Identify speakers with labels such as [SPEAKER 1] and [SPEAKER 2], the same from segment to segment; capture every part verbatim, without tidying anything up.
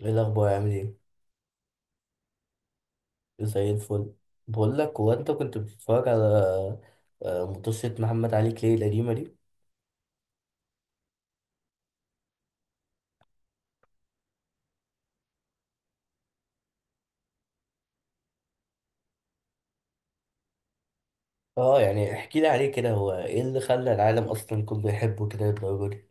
[SPEAKER 1] ايه الاخبار؟ عامل ايه؟ زي الفل. بقول لك، هو انت كنت بتتفرج على آه، منتصرة محمد علي كلاي القديمه دي؟ اه يعني احكي لي عليه كده، هو ايه اللي خلى العالم اصلا كله يحبه كده للدرجه دي؟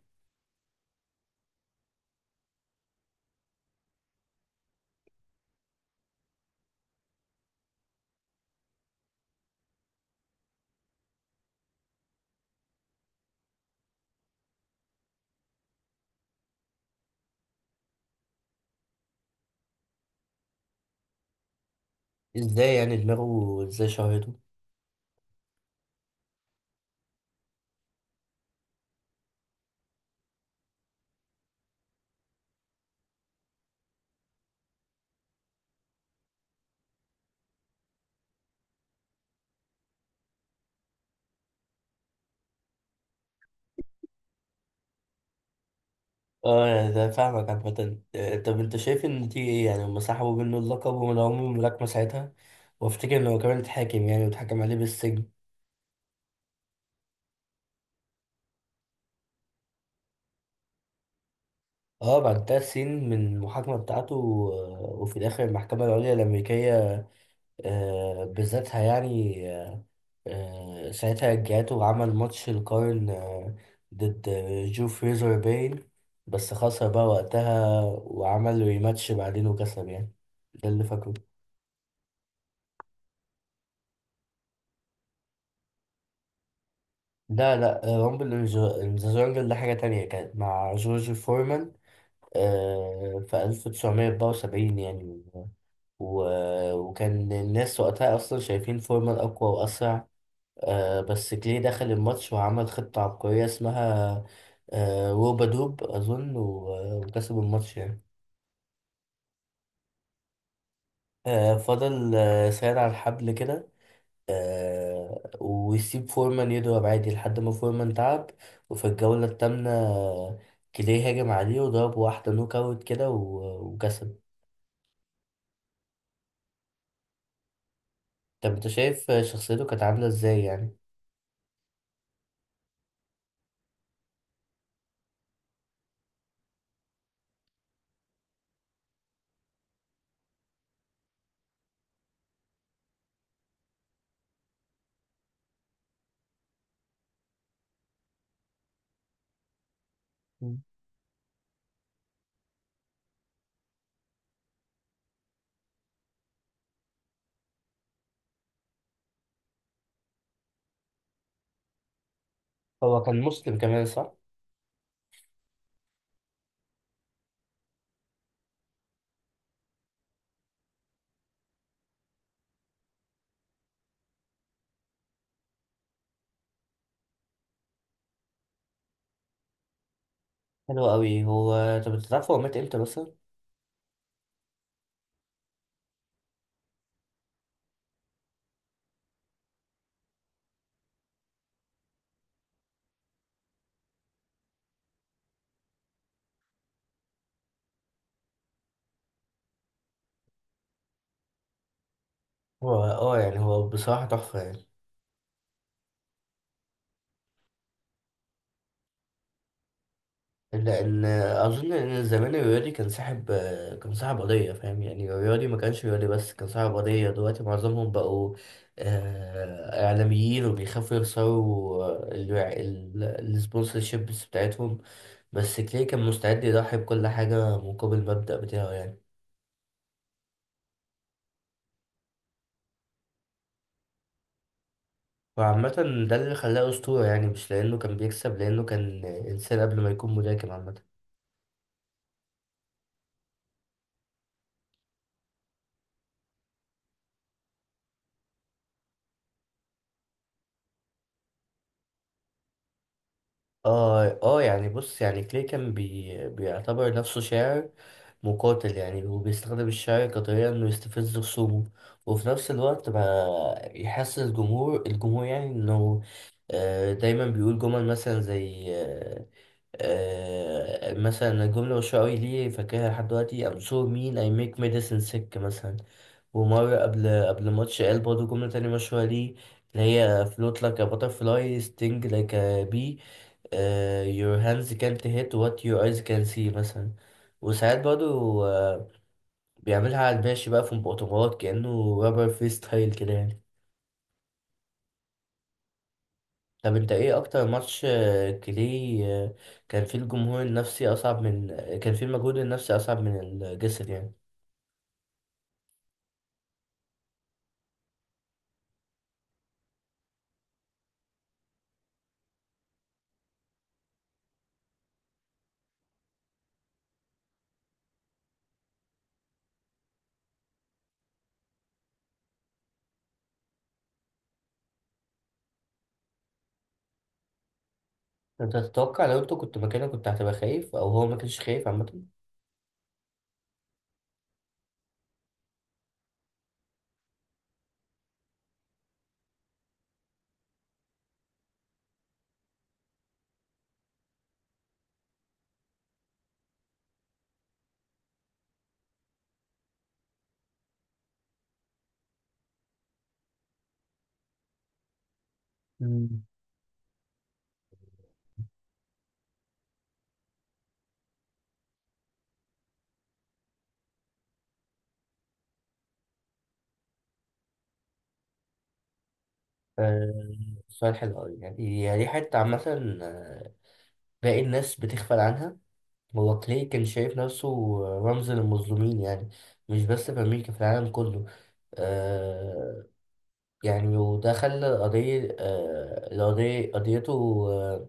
[SPEAKER 1] ازاي يعني؟ دماغه ازاي شهرته؟ اه يعني ده فاهمك. عامة آه، طب انت شايف ان دي ايه؟ يعني هما سحبوا منه اللقب ومن عمر الملاكمة ساعتها، وافتكر ان هو كمان اتحاكم يعني، واتحكم عليه بالسجن. اه، بعد تلات سنين من المحاكمة بتاعته آه، وفي الاخر المحكمة العليا الامريكية آه، بذاتها يعني آه، ساعتها جاته، وعمل ماتش القرن آه، ضد جو فريزر باين. بس خسر بقى وقتها، وعمل ريماتش بعدين وكسب يعني. ده اللي فاكره. لا لا، آه، رامبل إن جو- إن ذا جونجل ده حاجة تانية، كانت مع جورج فورمان آه، في ألف وتسعمية وأربعة وسبعين يعني. و... وكان الناس وقتها أصلا شايفين فورمان أقوى وأسرع. آه، بس كلي دخل الماتش وعمل خطة عبقرية اسمها آه، روبا دوب أظن، و- وكسب الماتش يعني. آه، فضل آه ساير على الحبل كده، آه، ويسيب فورمان يضرب عادي لحد ما فورمان تعب. وفي الجولة التامنة آه، كلي هاجم عليه وضرب واحدة نوك أوت كده، و- وكسب. طب أنت شايف آه، شخصيته كانت عاملة إزاي يعني؟ مم. هو كان مسلم كمان، صح؟ حلو أوي. هو طب أنت تعرف هو مات إمتى مثلا؟ هو آه يعني هو بصراحة تحفة يعني. لان اظن ان زمان الرياضي كان صاحب، كان صاحب قضيه، فاهم؟ يعني الرياضي ما كانش رياضي بس، كان صاحب قضيه. دلوقتي معظمهم بقوا آه، اعلاميين، وبيخافوا يخسروا السبونسرشيبس بتاعتهم. بس كلي كان مستعد يضحي بكل حاجه مقابل المبدأ بتاعه يعني. وعامة ده اللي خلاه أسطورة يعني، مش لأنه كان بيكسب، لأنه كان إنسان قبل ما يكون ملاكم عامة. اه اه يعني بص، يعني كلي كان بي بيعتبر نفسه شاعر مقاتل يعني، وبيستخدم الشعر كطريقة انه يستفز خصومه، وفي نفس الوقت ما يحسس الجمهور الجمهور يعني انه آه، دايما بيقول جمل مثلا زي آه، آه، مثلا الجملة والشعر ليه فاكرها لحد دلوقتي: I'm so mean I make medicine sick مثلا. ومرة قبل قبل ماتش قال برضه جملة تانية مشهورة ليه، اللي هي float like a butterfly sting like a bee، آه، your hands can't hit what your eyes can see مثلا. وساعات برضو آه بيعملها على الماشي بقى في مؤتمرات، كأنه رابر فري ستايل كده يعني. طب انت ايه اكتر ماتش آه، كلي آه، كان فيه الجمهور النفسي اصعب من آه، كان فيه المجهود النفسي اصعب من الجسد يعني؟ انت تتوقع لو انت كنت مكانه كنت هتبقى خايف؟ او هو ما كانش خايف عامة؟ مم. آه، سؤال حلو أوي يعني. يعني دي حتة عامة آه، باقي الناس بتغفل عنها. هو كلاي كان شايف نفسه رمز للمظلومين يعني، مش بس في أمريكا، في العالم كله. آه يعني، وده خلى القضية آه القضية قضيته آه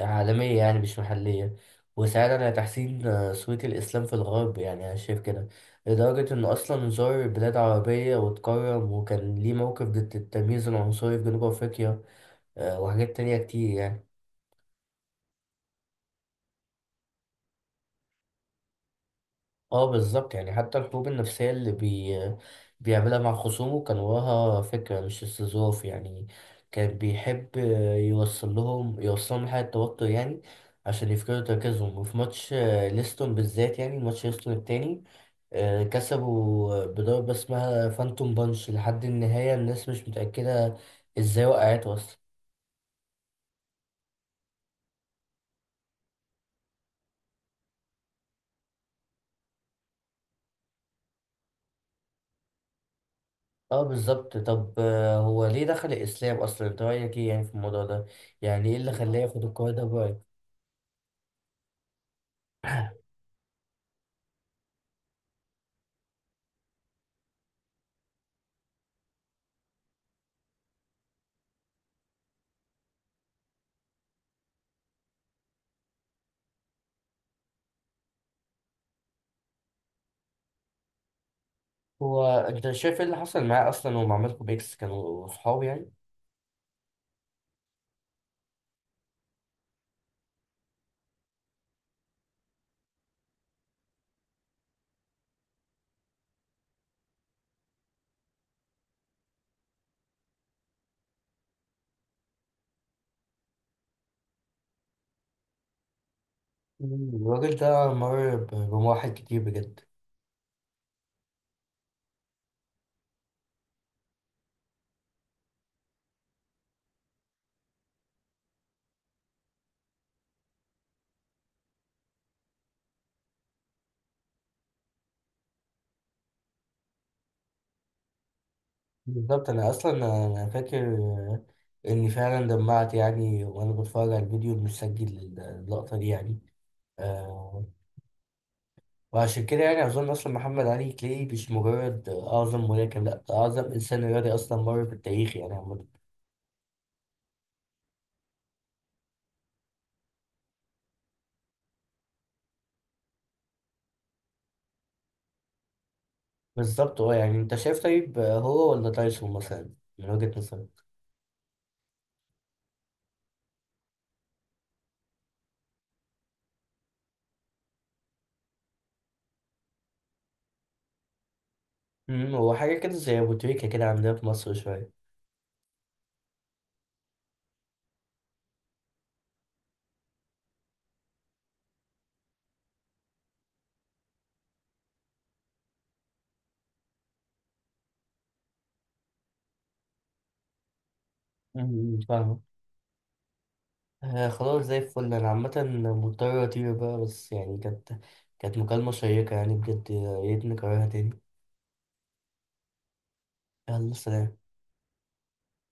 [SPEAKER 1] عالمية يعني، مش محلية. وساعد على تحسين آه، صورة الإسلام في الغرب يعني، أنا شايف كده. لدرجة إنه أصلا زار بلاد عربية واتكرم، وكان ليه موقف ضد التمييز العنصري في جنوب أفريقيا، آه، وحاجات تانية كتير يعني. اه بالظبط يعني، حتى الحروب النفسية اللي بي... بيعملها مع خصومه كان وراها فكرة، مش استظراف يعني. كان بيحب يوصل لهم يوصل لهم حالة توتر يعني، عشان يفقدوا تركيزهم. وفي ماتش آه، ليستون بالذات يعني، ماتش ليستون التاني، آه، كسبوا بضربة اسمها فانتوم بانش. لحد النهاية الناس مش متأكدة ازاي وقعت اصلا. اه بالظبط. طب آه، هو ليه دخل الإسلام أصلا؟ انت رأيك ايه يعني في الموضوع ده؟ يعني ايه اللي خلاه ياخد القرار ده برأيك؟ هو انت شايف ايه اللي حصل معاه اصلا ومع مالكم بيكس؟ كانوا صحاب يعني؟ مم. الراجل ده مر ب- بمراحل كتير بجد. بالظبط. انا اصلا، انا فاكر آه، اني فعلا دمعت يعني، وانا بتفرج على الفيديو المسجل لل- اللقطة دي يعني. آه، وعشان كده يعني اظن اصلا محمد علي كلاي مش مجرد اعظم ملاكم، لا ده اعظم انسان رياضي اصلا مر في التاريخ يعني عمد. بالظبط اه يعني. انت شايف طيب آه، هو ولا تايسون مثلا من وجهة نظرك؟ مم، هو حاجة كده زي أبو تريكة كده عندنا في مصر شوية. مم، فاهمة. آه خلاص زي الفل. أنا عامة مضطر أطير بقى، بس يعني كانت كانت مكالمة شيقة يعني بجد، يا ريت نكررها تاني. يلا، سلام.